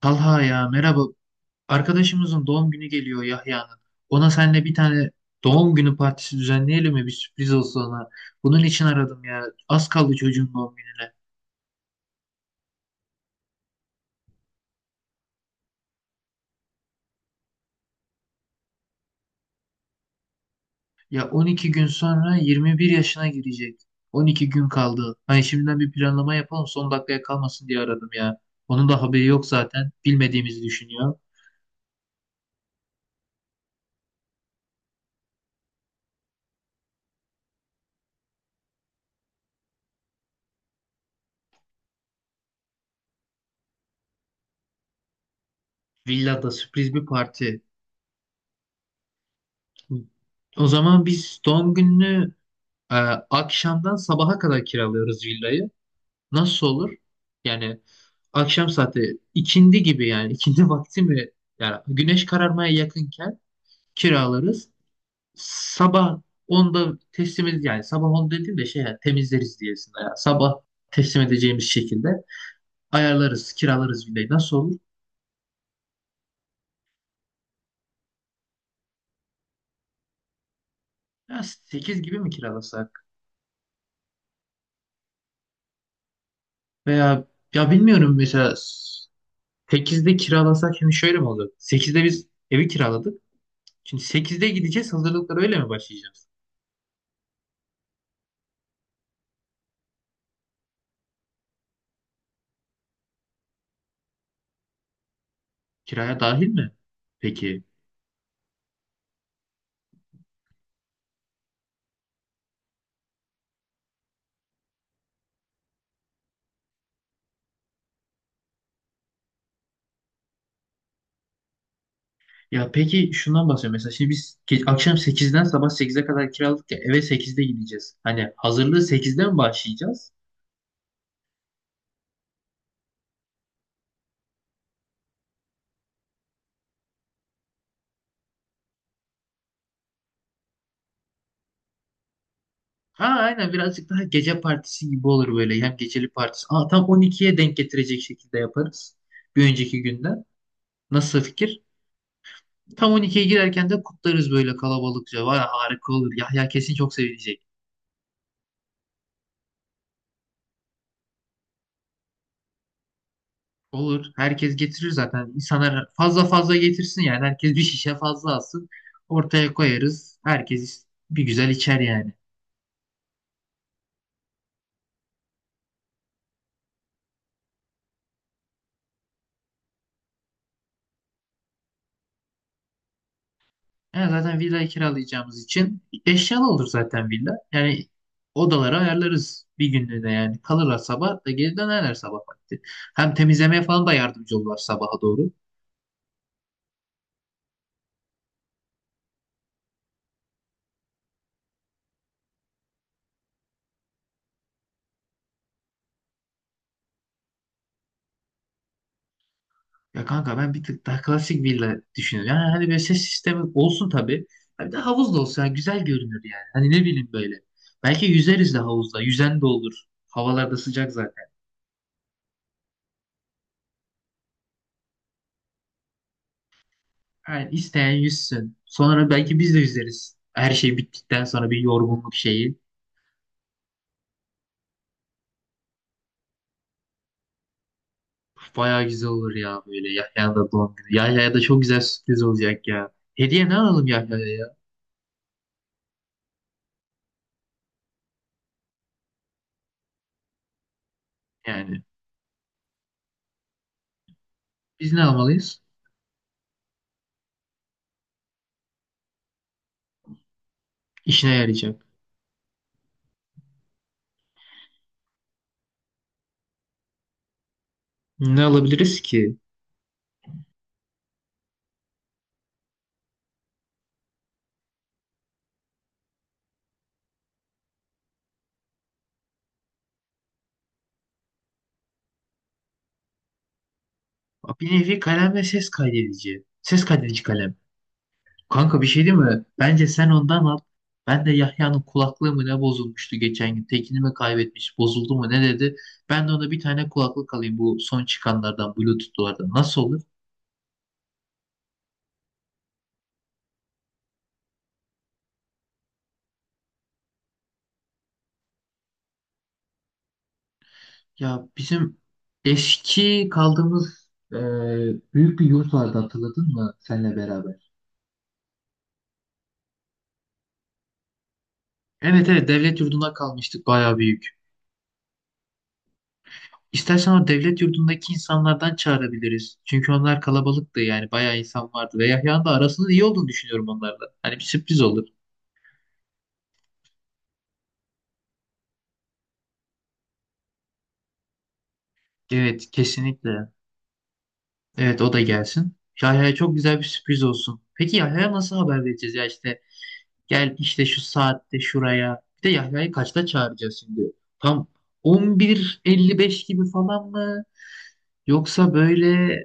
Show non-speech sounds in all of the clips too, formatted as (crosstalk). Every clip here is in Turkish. Talha ya merhaba. Arkadaşımızın doğum günü geliyor Yahya'nın. Ona seninle bir tane doğum günü partisi düzenleyelim mi? Bir sürpriz olsun ona. Bunun için aradım ya. Az kaldı çocuğun doğum gününe. Ya 12 gün sonra 21 yaşına girecek. 12 gün kaldı. Hani şimdiden bir planlama yapalım son dakikaya kalmasın diye aradım ya. Onun da haberi yok zaten. Bilmediğimizi düşünüyor. Villada sürpriz bir parti. O zaman biz doğum gününü e, akşamdan sabaha kadar kiralıyoruz villayı. Nasıl olur? Yani akşam saati ikindi gibi yani ikindi (laughs) vakti mi? Yani güneş kararmaya yakınken kiralarız. Sabah onda teslim edeceğiz. Yani sabah 10 dediğim de şey yani temizleriz diyesinde. Yani sabah teslim edeceğimiz şekilde ayarlarız, kiralarız villayı. Nasıl olur? Ya sekiz gibi mi kiralasak? Veya ya bilmiyorum mesela sekizde kiralasak şimdi şöyle mi olur? Sekizde biz evi kiraladık. Şimdi sekizde gideceğiz hazırlıklara öyle mi başlayacağız? Kiraya dahil mi? Peki. Ya peki şundan bahsediyorum. Mesela şimdi biz akşam sekizden sabah sekize kadar kiralık ya eve sekizde gideceğiz. Hani hazırlığı sekizden mi başlayacağız? Ha aynen birazcık daha gece partisi gibi olur böyle. Hem geceli partisi. Aa, tam 12'ye denk getirecek şekilde yaparız. Bir önceki günden. Nasıl fikir? Tam 12'ye girerken de kutlarız böyle kalabalıkça. Vay harika olur. Yahya kesin çok sevinecek. Olur. Herkes getirir zaten. İnsanlar fazla fazla getirsin yani. Herkes bir şişe fazla alsın. Ortaya koyarız. Herkes bir güzel içer yani. Yani zaten villayı kiralayacağımız için eşyalı olur zaten villa. Yani odalara ayarlarız bir günlüğüne yani. Kalırlar sabah da geri dönerler sabah vakti. Hem temizlemeye falan da yardımcı olurlar sabaha doğru. Ya kanka ben bir tık daha klasik villa düşünüyorum. Yani hani böyle ses sistemi olsun tabii. Ha bir de havuz da olsa yani güzel görünür yani. Hani ne bileyim böyle. Belki yüzeriz de havuzda. Yüzen de olur. Havalar da sıcak zaten. Yani isteyen yüzsün. Sonra belki biz de yüzeriz. Her şey bittikten sonra bir yorgunluk şeyi. Bayağı güzel olur ya böyle Yahya'nın da doğum günü. Yahya'ya da çok güzel sürpriz olacak ya. Hediye ne alalım Yahya'ya ya? Yani biz ne almalıyız? İşine yarayacak. Ne alabiliriz ki? Bir nevi kalem ve ses kaydedici. Ses kaydedici kalem. Kanka bir şey değil mi? Bence sen ondan al. Ben de Yahya'nın kulaklığı mı ne bozulmuştu geçen gün. Tekini mi kaybetmiş, bozuldu mu ne dedi. Ben de ona bir tane kulaklık alayım bu son çıkanlardan, Bluetooth'lardan. Nasıl olur? Ya bizim eski kaldığımız büyük bir yurt vardı hatırladın mı senle beraber? Evet evet devlet yurduna kalmıştık bayağı büyük. İstersen o devlet yurdundaki insanlardan çağırabiliriz. Çünkü onlar kalabalıktı yani bayağı insan vardı. Ve Yahya'nın da arasının iyi olduğunu düşünüyorum onlarla. Hani bir sürpriz olur. Evet kesinlikle. Evet o da gelsin. Yahya'ya çok güzel bir sürpriz olsun. Peki Yahya'ya nasıl haber vereceğiz ya işte gel işte şu saatte şuraya. Bir de Yahya'yı kaçta çağıracağız şimdi? Tam 11.55 gibi falan mı? Yoksa böyle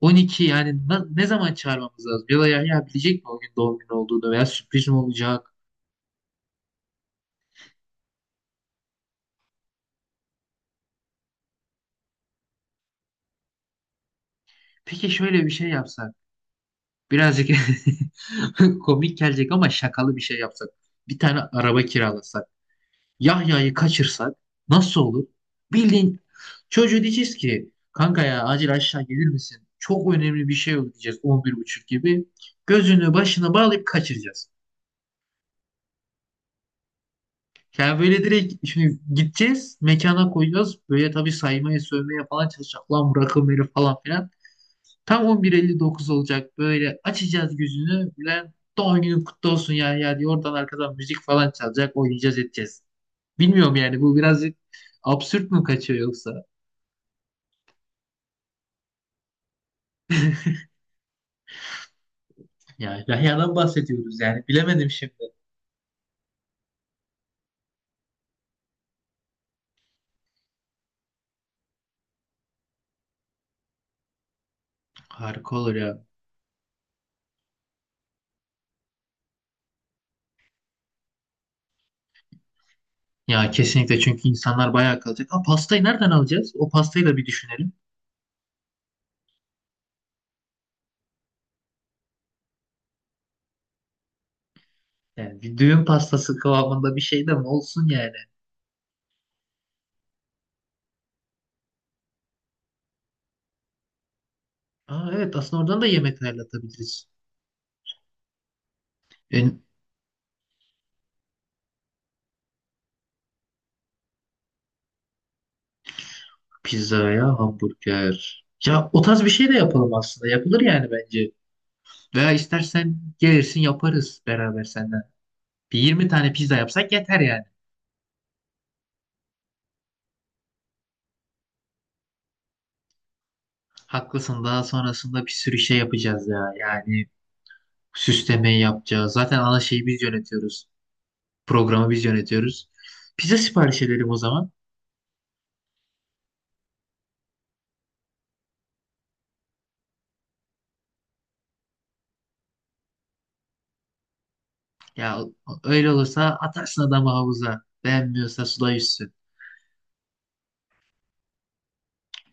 12 yani ne zaman çağırmamız lazım? Ya da Yahya bilecek mi o gün doğum günü olduğunu veya sürpriz mi olacak? Peki şöyle bir şey yapsak. Birazcık (laughs) komik gelecek ama şakalı bir şey yapsak. Bir tane araba kiralasak. Yahya'yı kaçırsak nasıl olur? Bildiğin çocuğu diyeceğiz ki kanka ya acil aşağı gelir misin? Çok önemli bir şey oldu diyeceğiz 11.30 gibi. Gözünü başına bağlayıp kaçıracağız. Yani böyle direkt şimdi gideceğiz mekana koyacağız. Böyle tabii saymaya sövmeye falan çalışacak. Lan bırakın beni falan filan. Tam 11.59 olacak böyle açacağız gözünü. Bülent doğum günün kutlu olsun ya ya diye oradan arkadan müzik falan çalacak oynayacağız edeceğiz. Bilmiyorum yani bu birazcık absürt mü kaçıyor yoksa? Ya Yahya'dan bahsediyoruz yani bilemedim şimdi. Harika olur ya. Ya kesinlikle çünkü insanlar bayağı kalacak. Ha pastayı nereden alacağız? O pastayı da bir düşünelim. Yani bir düğün pastası kıvamında bir şey de mi olsun yani? Aa, evet aslında oradan da yemek ayarlatabiliriz. E, Pizza ya hamburger. Ya o tarz bir şey de yapalım aslında. Yapılır yani bence. Veya istersen gelirsin yaparız beraber senden. Bir 20 tane pizza yapsak yeter yani. Haklısın daha sonrasında bir sürü şey yapacağız ya. Yani süslemeyi yapacağız. Zaten ana şeyi biz yönetiyoruz. Programı biz yönetiyoruz. Pizza sipariş edelim o zaman. Ya öyle olursa atarsın adamı havuza. Beğenmiyorsa suda yüzsün.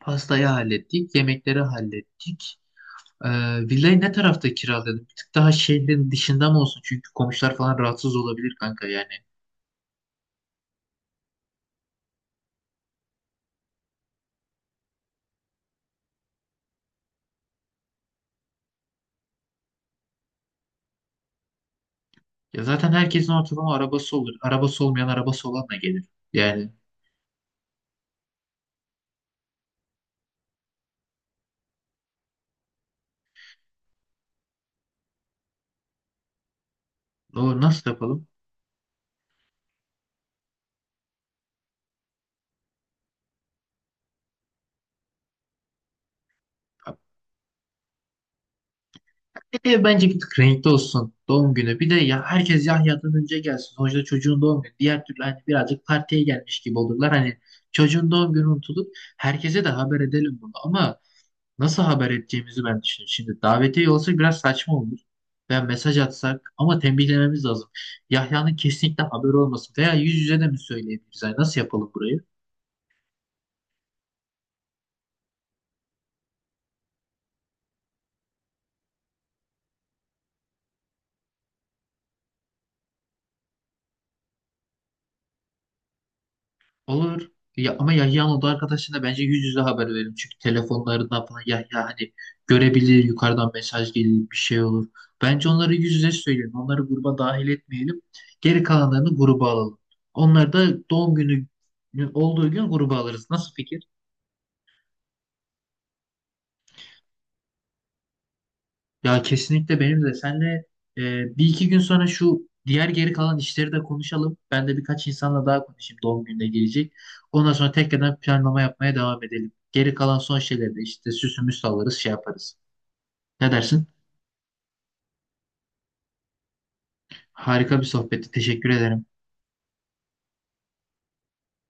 Pastayı hallettik, yemekleri hallettik. Ee, villayı ne tarafta kiralayalım? Bir tık daha şehrin dışında mı olsun? Çünkü komşular falan rahatsız olabilir kanka yani. Ya zaten herkesin ortalama arabası olur. Arabası olmayan arabası olanla gelir. Yani doğru nasıl yapalım? Ev bence bir tık renkli olsun doğum günü. Bir de ya herkes Yahya'dan önce gelsin. Sonuçta çocuğun doğum günü. Diğer türlü hani birazcık partiye gelmiş gibi olurlar. Hani çocuğun doğum günü unutulup herkese de haber edelim bunu. Ama nasıl haber edeceğimizi ben düşünüyorum. Şimdi davetiye olsa biraz saçma olur. Veya mesaj atsak ama tembihlememiz lazım. Yahya'nın kesinlikle haberi olmasın. Veya yüz yüze de mi söyleyebiliriz? Yani nasıl yapalım burayı? Olur. Ya, ama Yahya'nın oda arkadaşına bence yüz yüze haber verelim. Çünkü telefonlarından falan Yahya hani görebilir. Yukarıdan mesaj gelir bir şey olur. Bence onları yüz yüze söyleyelim. Onları gruba dahil etmeyelim. Geri kalanlarını gruba alalım. Onlar da doğum günü olduğu gün gruba alırız. Nasıl fikir? Ya kesinlikle benim de. Senle bir iki gün sonra şu diğer geri kalan işleri de konuşalım. Ben de birkaç insanla daha konuşayım doğum gününe gelecek. Ondan sonra tekrardan planlama yapmaya devam edelim. Geri kalan son şeyleri de işte süsümüz sallarız şey yaparız. Ne dersin? Harika bir sohbetti. Teşekkür ederim.